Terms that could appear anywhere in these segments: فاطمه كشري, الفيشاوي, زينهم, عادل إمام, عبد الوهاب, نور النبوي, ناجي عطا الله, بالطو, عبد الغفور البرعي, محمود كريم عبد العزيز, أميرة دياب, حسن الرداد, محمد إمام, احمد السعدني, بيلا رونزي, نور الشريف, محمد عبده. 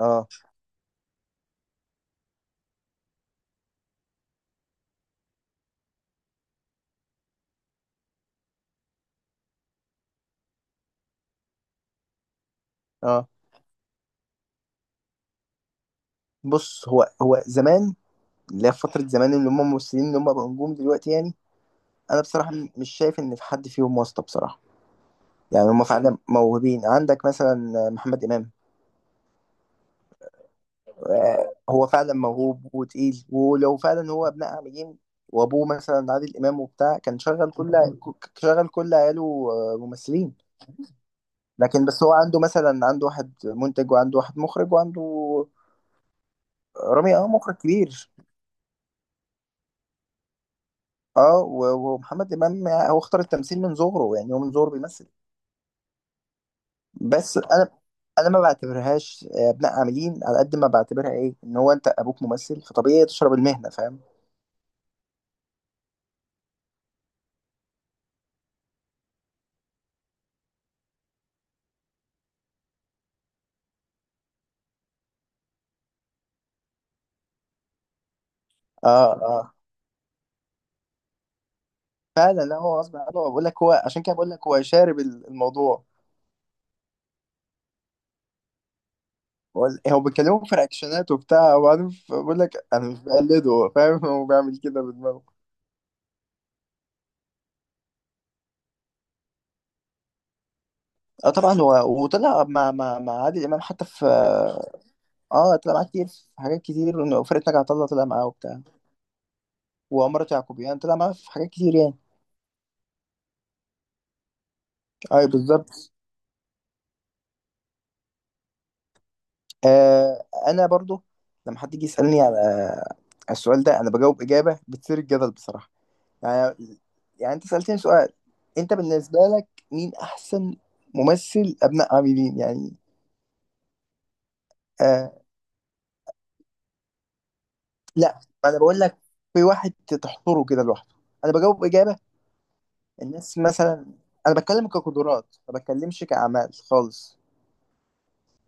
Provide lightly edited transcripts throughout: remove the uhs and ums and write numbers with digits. اه اه، بص. هو زمان، اللي هي فترة زمان، اللي هم ممثلين اللي هم بقوا نجوم دلوقتي يعني. أنا بصراحة مش شايف إن في حد فيهم واسطة بصراحة. يعني هم فعلا موهوبين. عندك مثلا محمد إمام، هو فعلا موهوب وتقيل، ولو فعلا هو ابناء عاملين وأبوه مثلا عادل إمام وبتاع، كان شغل كل عياله، آه، ممثلين. لكن بس هو عنده مثلا، عنده واحد منتج وعنده واحد مخرج وعنده رامي، مخرج كبير. اه و- ومحمد امام يعني هو اختار التمثيل من صغره، يعني هو من صغره بيمثل. بس انا ما بعتبرهاش ابناء عاملين على قد ما بعتبرها ايه، ان هو انت ابوك ممثل فطبيعي تشرب المهنه، فاهم. اه اه، فعلا، لا هو غصب عنه. بقول لك هو عشان كده، بقول لك هو شارب ال- الموضوع. هو بيكلمه في رياكشنات وبتاع، وبعدين بقول لك انا مش بقلده هو، فاهم. هو بيعمل كده بدماغه. اه طبعا، هو وطلع مع عادل امام حتى في، طلع معاه كتير في حاجات كتير، وفرقة ناجي عطا الله طلع معاه وبتاع، وعمارة يعقوبيان طلع معاه في حاجات كتير يعني. اي بالظبط. انا برضو لما حد يجي يسألني على السؤال ده، انا بجاوب اجابة بتثير الجدل بصراحة. يعني يعني انت سألتني سؤال، انت بالنسبة لك مين احسن ممثل ابناء عاملين يعني. آه، لا، انا بقول لك في واحد تحصره كده لوحده. انا بجاوب اجابة، الناس مثلا، انا بتكلم كقدرات، ما بتكلمش كاعمال خالص.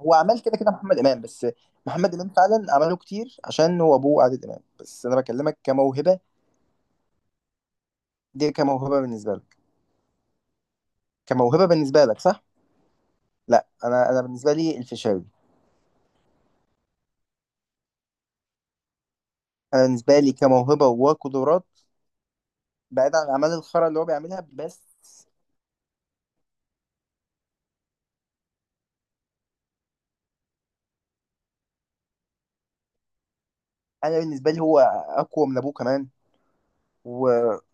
هو اعمال كده كده محمد امام بس. محمد امام فعلا عمله كتير عشان هو ابوه عادل امام، بس انا بكلمك كموهبه. دي كموهبه بالنسبه لك، كموهبه بالنسبه لك، صح؟ لا، انا، بالنسبه لي الفيشاوي. انا بالنسبه لي كموهبه وقدرات، بعيد عن الاعمال الخرا اللي هو بيعملها، بس انا بالنسبه لي هو اقوى من ابوه كمان، وبجد.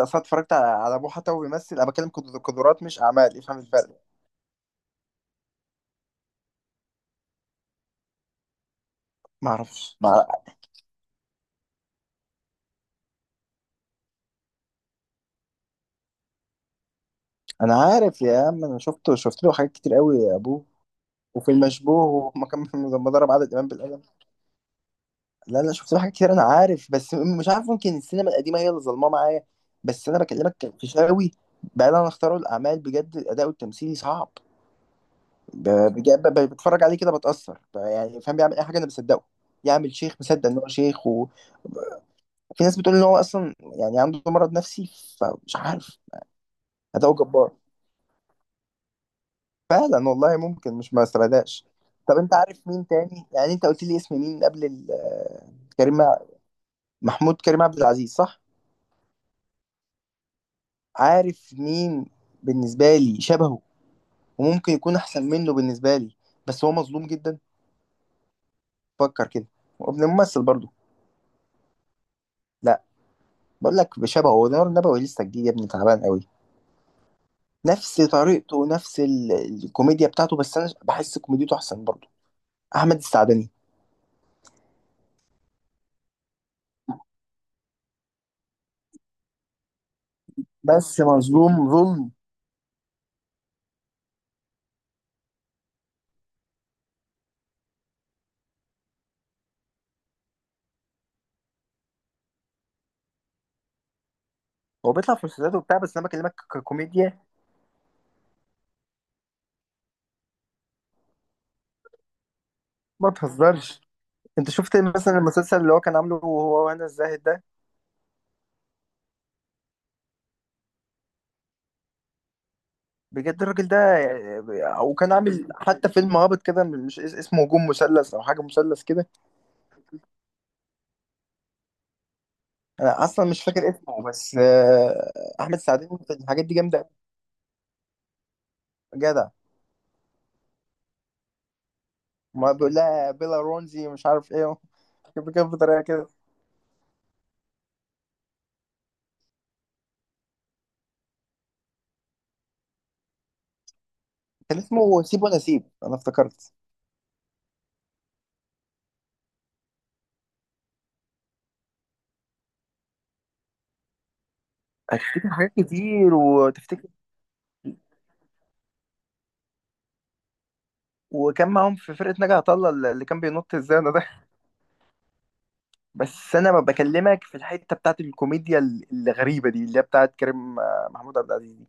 اصلا اتفرجت على ابوه حتى وهو بيمثل. انا بتكلم قدرات مش اعمال، افهم الفرق. ما اعرفش، انا عارف يا عم، انا شفته، شفت له حاجات كتير قوي يا ابوه، وفي المشبوه وما كان لما ضرب عادل امام بالقلم. لا لا، شفت له حاجات كتير انا عارف، بس مش عارف ممكن السينما القديمه هي اللي ظلماه معايا. بس انا بكلمك في شاوي، بعيد عن اختياره الاعمال، بجد الاداء التمثيلي صعب. بجد، بتفرج عليه كده بتاثر، يعني فاهم، بيعمل اي حاجه انا بصدقه، يعمل شيخ مصدق ان هو شيخ. وفي ناس بتقول ان هو اصلا يعني عنده مرض نفسي، فمش عارف. اداؤه جبار فعلا والله، ممكن، مش ما استبعدهاش. طب انت عارف مين تاني؟ يعني انت قلت لي اسم مين قبل كريم محمود، كريم عبد العزيز صح؟ عارف مين؟ بالنسبه لي شبهه، وممكن يكون احسن منه بالنسبه لي، بس هو مظلوم جدا. فكر كده، وابن ممثل برضه. لا، بقول لك بشبهه، هو نور النبوي لسه جديد يا ابني، تعبان قوي. نفس طريقته ونفس ال- الكوميديا بتاعته، بس انا بحس كوميديته احسن برضه. احمد السعدني بس مظلوم ظلم. هو بيطلع في مسلسلاته وبتاع، بس انا بكلمك ككوميديا. ما تهزرش، انت شفت مثلا المسلسل اللي هو كان عامله هو وهنا الزاهد ده؟ بجد الراجل ده. او كان عامل حتى فيلم هابط كده، مش اسمه هجوم مثلث او حاجه مثلث كده. انا اصلا مش فاكر اسمه، بس احمد سعدين في الحاجات دي جامده أوي. جدع، ما بيقول لها بيلا رونزي مش عارف ايه، بكده بطريقه كده. كان اسمه سيب ولا سيب، انا افتكرت. هتفتكر حاجات كتير وتفتكر. وكان معاهم في فرقه ناجي عطا الله، اللي كان بينط الزانه ده. بس انا بكلمك في الحته بتاعت الكوميديا ال- الغريبه دي، اللي هي بتاعت كريم، محمود عبد العزيز دي.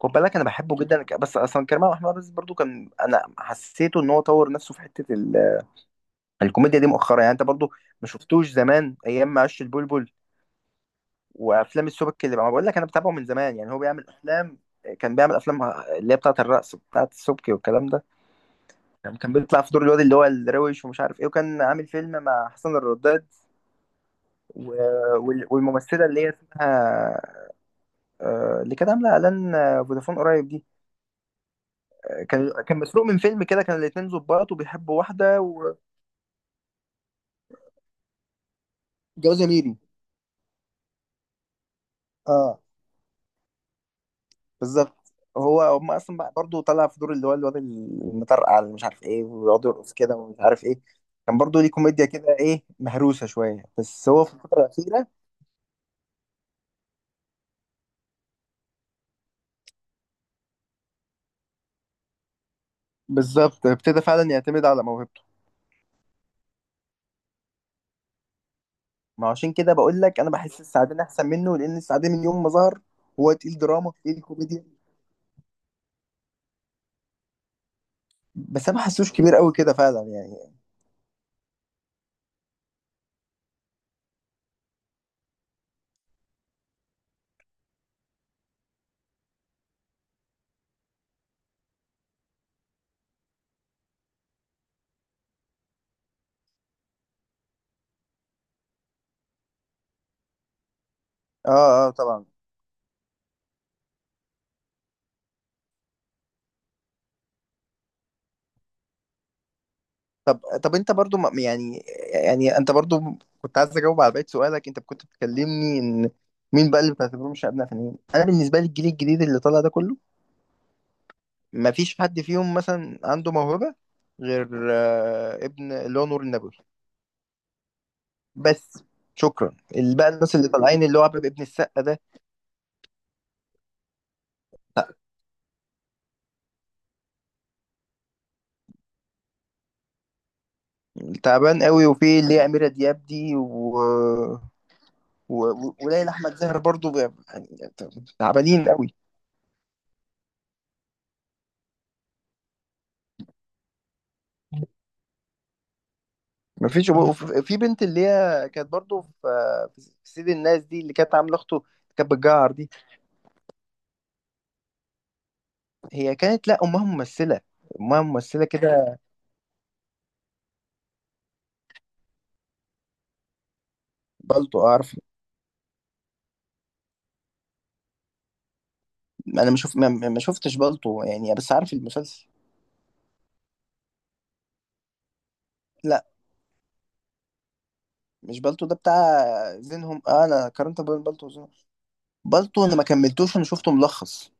خد بالك انا بحبه جدا، بس اصلا كريم محمود عبد العزيز برضو، كان انا حسيته ان هو طور نفسه في حته ال- الكوميديا دي مؤخرا، يعني انت برضو ما شفتوش زمان ايام ما عش البلبل، وافلام السبك اللي بقى-. ما بقول لك انا بتابعه من زمان، يعني هو بيعمل افلام، كان بيعمل افلام اللي هي بتاعت الرقص، بتاعت السبكي والكلام ده يعني. كان بيطلع في دور الواد اللي هو الروش، ومش عارف ايه، وكان عامل فيلم مع حسن الرداد و- وال- والممثله اللي هي اسمها، اللي كانت عامله اعلان، فودافون قريب دي. كان مسروق من فيلم كده، كان الاتنين ظباط وبيحبوا واحده، وجوازه ميري. اه بالظبط. هو هم اصلا بقى، برضه طلع في دور اللي هو الواد المطرقع اللي مش عارف ايه ويقعد يرقص كده ومش عارف ايه. كان برضه ليه كوميديا كده، ايه، مهروسه شويه، بس هو في الفتره الاخيره بالظبط ابتدى فعلا يعتمد على موهبته. ما عشان كده بقول لك انا بحس السعدين احسن منه، لان السعدين من يوم ما ظهر هو تقيل دراما، تقيل كوميديا. بس انا ما حسوش كبير قوي كده فعلا يعني. اه اه طبعا. طب، انت برضو يعني، انت برضو كنت عايز اجاوب على بقية سؤالك، انت كنت بتكلمني ان مين بقى اللي بتعتبرهم شباب نافعين. انا بالنسبه لي الجيل الجديد اللي طالع ده كله، ما فيش حد فيهم مثلا عنده موهبه غير، ابن اللي هو نور النبوي بس. شكرا، اللي بقى الناس اللي طالعين اللي هو عبد ابن السقا ده، تعبان قوي، وفي اللي هي أميرة دياب دي و... وليلى احمد زاهر برضو، يعني تعبانين قوي. ما فيش. في بنت اللي هي كانت برضو في سيد الناس دي اللي كانت عامله اخته، كانت بتجعر دي. هي كانت، لا، امها ممثله، كده. بالطو، اعرف. انا ما شوف، ما شفتش بالطو يعني، بس عارف المسلسل. لا مش بالطو ده بتاع زينهم، آه انا قارنت بين بالطو وزينهم. بالطو انا ما كملتوش، انا شفته ملخص.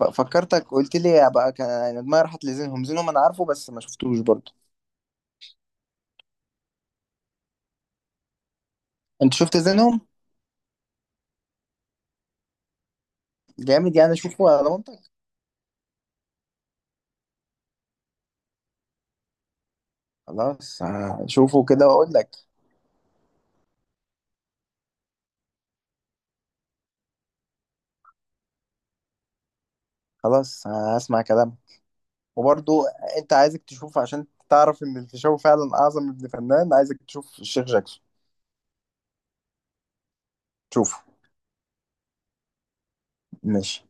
فكرتك قلت لي يا بقى، كان يعني دماغي راحت لزينهم. زينهم انا عارفه بس ما شفتوش برضو. انت شفت زينهم؟ جامد يعني؟ اشوفه على ضمانتك؟ خلاص، شوفه كده واقول لك. خلاص هسمع كلامه. وبرضو انت، عايزك تشوف عشان تعرف ان الفيشاوي فعلا اعظم ابن فنان، عايزك تشوف الشيخ جاكسون. شوفه. ماشي.